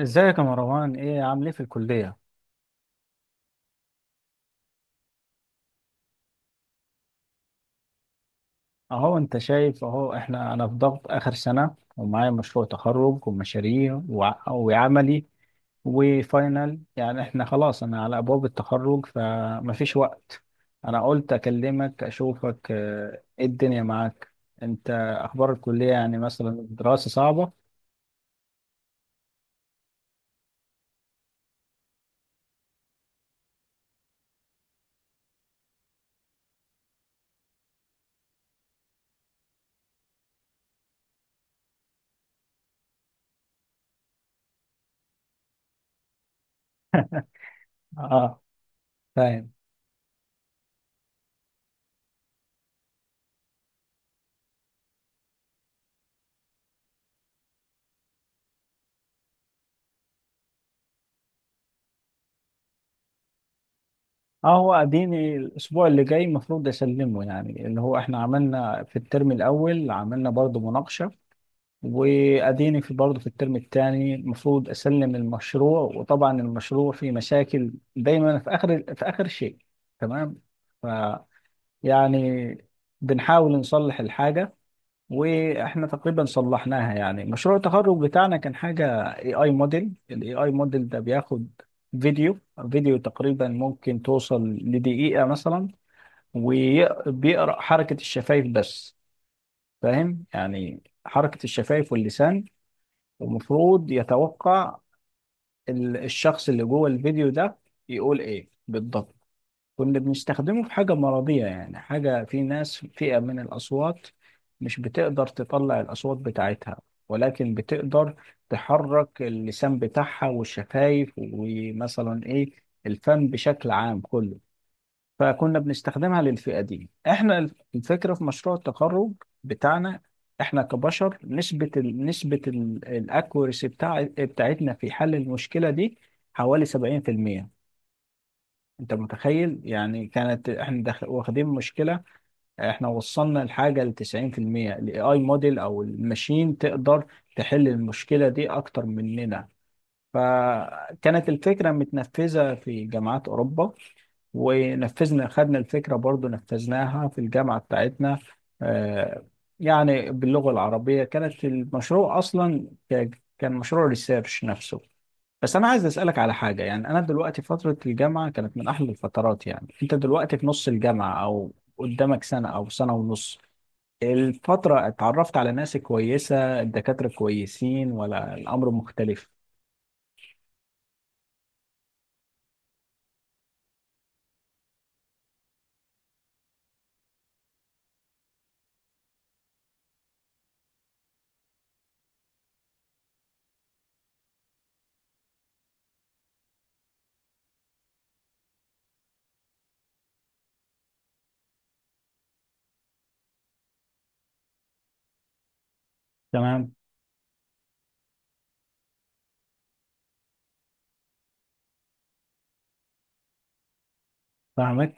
ازيك يا مروان؟ ايه عامل ايه في الكلية؟ اهو انت شايف اهو، احنا في ضغط اخر سنة ومعايا مشروع تخرج ومشاريع وعملي وفاينل. يعني احنا خلاص، انا على ابواب التخرج فمفيش وقت. انا قلت اكلمك اشوفك. ايه الدنيا معاك انت؟ اخبار الكلية، يعني مثلا الدراسة صعبة؟ اه، فاهم. اه، هو اديني الاسبوع اللي جاي المفروض اسلمه، يعني اللي هو احنا عملنا في الترم الاول عملنا برضو مناقشة، واديني في برضه في الترم الثاني المفروض اسلم المشروع. وطبعا المشروع فيه مشاكل دايما في اخر شيء. تمام. ف يعني بنحاول نصلح الحاجه، واحنا تقريبا صلحناها. يعني مشروع التخرج بتاعنا كان حاجه اي اي موديل. ده بياخد فيديو، تقريبا ممكن توصل لدقيقه مثلا، وبيقرا حركه الشفايف بس. فاهم، يعني حركه الشفايف واللسان، ومفروض يتوقع الشخص اللي جوه الفيديو ده يقول ايه بالضبط. كنا بنستخدمه في حاجة مرضية، يعني حاجة في ناس، فئة من الأصوات مش بتقدر تطلع الأصوات بتاعتها، ولكن بتقدر تحرك اللسان بتاعها والشفايف، ومثلا ايه، الفم بشكل عام كله. فكنا بنستخدمها للفئة دي. احنا الفكرة في مشروع التخرج بتاعنا، احنا كبشر نسبة ال نسبة الاكوريسي بتاعتنا في حل المشكلة دي حوالي 70%. انت متخيل؟ يعني كانت احنا داخل واخدين مشكلة، احنا وصلنا الحاجة ل 90%. الاي اي موديل او الماشين تقدر تحل المشكلة دي اكتر مننا. فكانت الفكرة متنفذة في جامعات أوروبا، ونفذنا، خدنا الفكرة برضو نفذناها في الجامعة بتاعتنا. آه، يعني باللغة العربية كانت المشروع أصلا كان مشروع ريسيرش نفسه. بس أنا عايز أسألك على حاجة. يعني أنا دلوقتي فترة الجامعة كانت من أحلى الفترات. يعني أنت دلوقتي في نص الجامعة، أو قدامك سنة أو سنة ونص الفترة، اتعرفت على ناس كويسة؟ الدكاترة كويسين ولا الأمر مختلف؟ تمام. فاهمك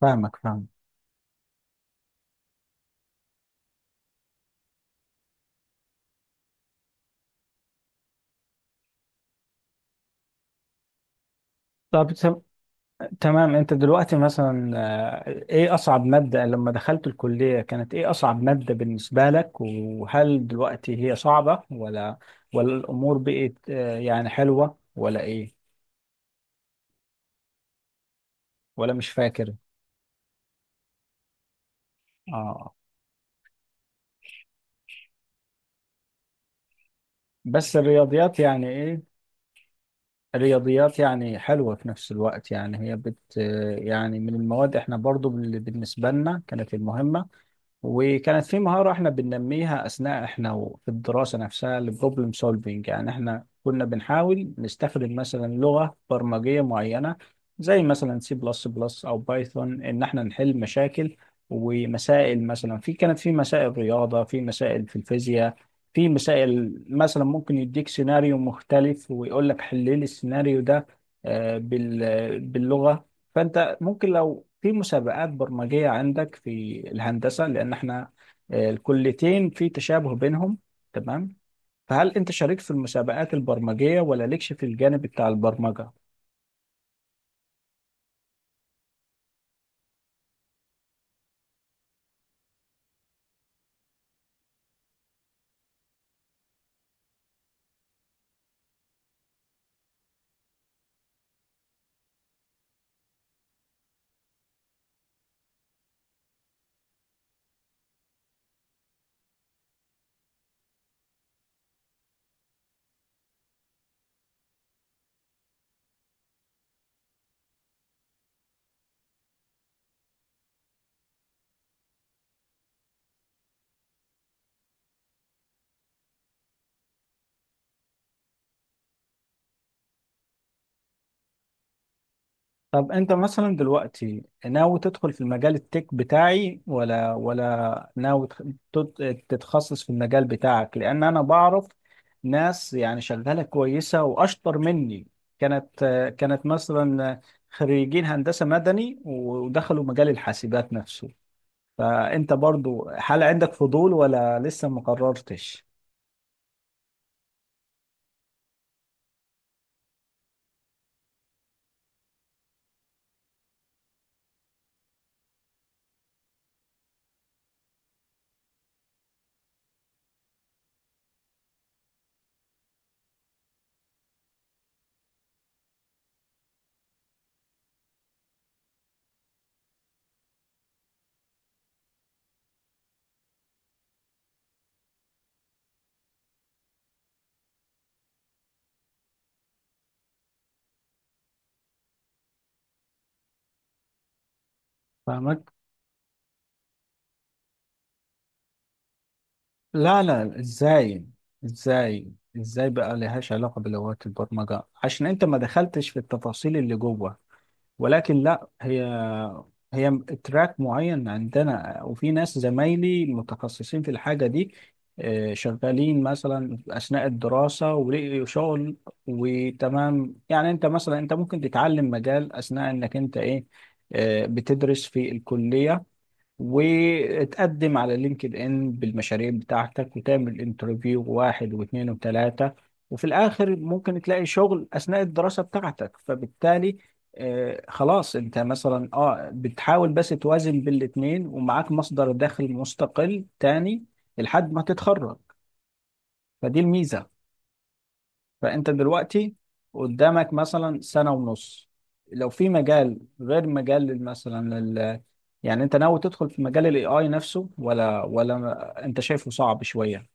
فاهمك فاهم. طب تمام، انت دلوقتي مثلا، ايه اصعب مادة لما دخلت الكلية؟ كانت ايه اصعب مادة بالنسبة لك؟ وهل دلوقتي هي صعبة ولا، ولا الامور بقت يعني حلوة، ولا ايه؟ ولا مش فاكر؟ اه، بس الرياضيات يعني ايه، الرياضيات يعني حلوة في نفس الوقت. يعني هي بت آه، يعني من المواد احنا برضو بالنسبة لنا كانت المهمة. وكانت في مهارة احنا بننميها أثناء احنا في الدراسة نفسها، البروبلم سولفينج. يعني احنا كنا بنحاول نستخدم مثلا لغة برمجية معينة زي مثلا سي بلس بلس أو بايثون، إن احنا نحل مشاكل ومسائل، مثلا في كانت في مسائل رياضة، في مسائل في الفيزياء، في مسائل مثلا ممكن يديك سيناريو مختلف ويقول لك حل لي السيناريو ده، باللغة. فانت ممكن لو في مسابقات برمجيه عندك في الهندسه، لان احنا الكليتين في تشابه بينهم. تمام. فهل انت شاركت في المسابقات البرمجيه ولا لكش في الجانب بتاع البرمجه؟ طب انت مثلا دلوقتي ناوي تدخل في المجال التك بتاعي، ولا ناوي تتخصص في المجال بتاعك؟ لان انا بعرف ناس يعني شغالة كويسة واشطر مني، كانت كانت مثلا خريجين هندسة مدني ودخلوا مجال الحاسبات نفسه. فانت برضو هل عندك فضول ولا لسه ما قررتش؟ فاهمك. لا لا، ازاي، ازاي ازاي بقى لهاش علاقة بلغات البرمجة؟ عشان انت ما دخلتش في التفاصيل اللي جوه، ولكن لا، هي تراك معين عندنا، وفي ناس زمايلي متخصصين في الحاجة دي، شغالين مثلا أثناء الدراسة ولقوا شغل. وتمام، يعني انت مثلا انت ممكن تتعلم مجال أثناء انك انت ايه، بتدرس في الكلية، وتقدم على لينكد ان بالمشاريع بتاعتك، وتعمل انترفيو واحد واثنين وثلاثة، وفي الاخر ممكن تلاقي شغل اثناء الدراسة بتاعتك. فبالتالي آه خلاص، انت مثلا اه بتحاول بس توازن بين الاثنين، ومعاك مصدر دخل مستقل تاني لحد ما تتخرج. فدي الميزة. فانت دلوقتي قدامك مثلا سنة ونص، لو في مجال غير مجال مثلا لل... يعني انت ناوي تدخل في مجال الاي اي نفسه، ولا انت شايفه صعب شوية؟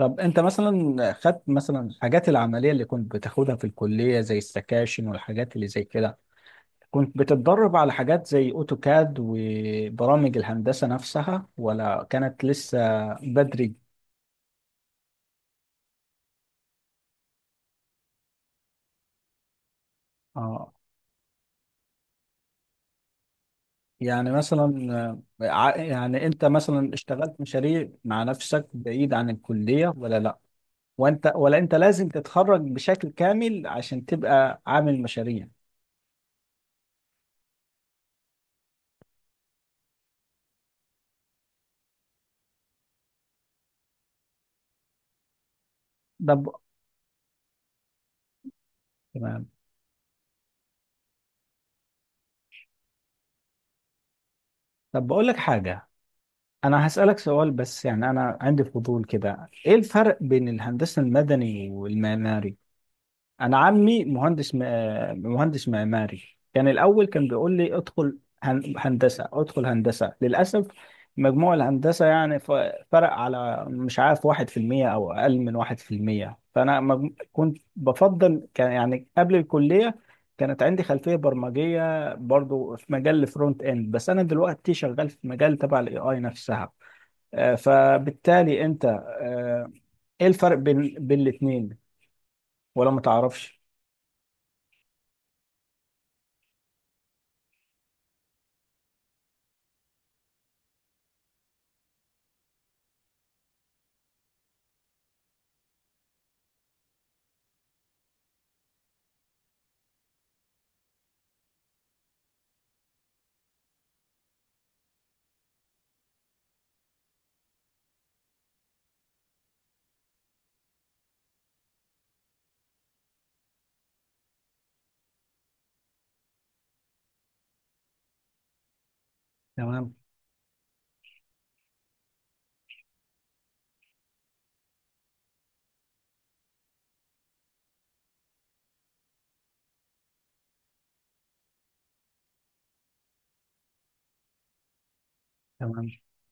طب انت مثلا خدت مثلا الحاجات العملية اللي كنت بتاخدها في الكلية زي السكاشن والحاجات اللي زي كده، كنت بتتدرب على حاجات زي اوتوكاد وبرامج الهندسة نفسها، ولا كانت لسه بدري؟ اه. يعني مثلا يعني انت مثلا اشتغلت مشاريع مع نفسك بعيد عن الكلية ولا لا؟ وانت ولا انت لازم تتخرج بشكل كامل عشان تبقى عامل مشاريع؟ طب تمام. طب بقول لك حاجة، انا هسألك سؤال، بس يعني انا عندي فضول كده. ايه الفرق بين الهندسة المدني والمعماري؟ انا عمي مهندس م... مهندس معماري. كان الاول كان بيقول لي ادخل هن... هندسه، ادخل هندسه. للاسف مجموع الهندسه يعني ف... فرق على مش عارف 1% او اقل من 1%. فانا مج... كنت بفضل، كان يعني قبل الكليه كانت عندي خلفيه برمجيه برضو في مجال الفرونت اند. بس انا دلوقتي شغال في مجال تبع الاي اي نفسها. فبالتالي انت ايه الفرق بين الاثنين؟ ولا ما تعرفش؟ تمام. تمام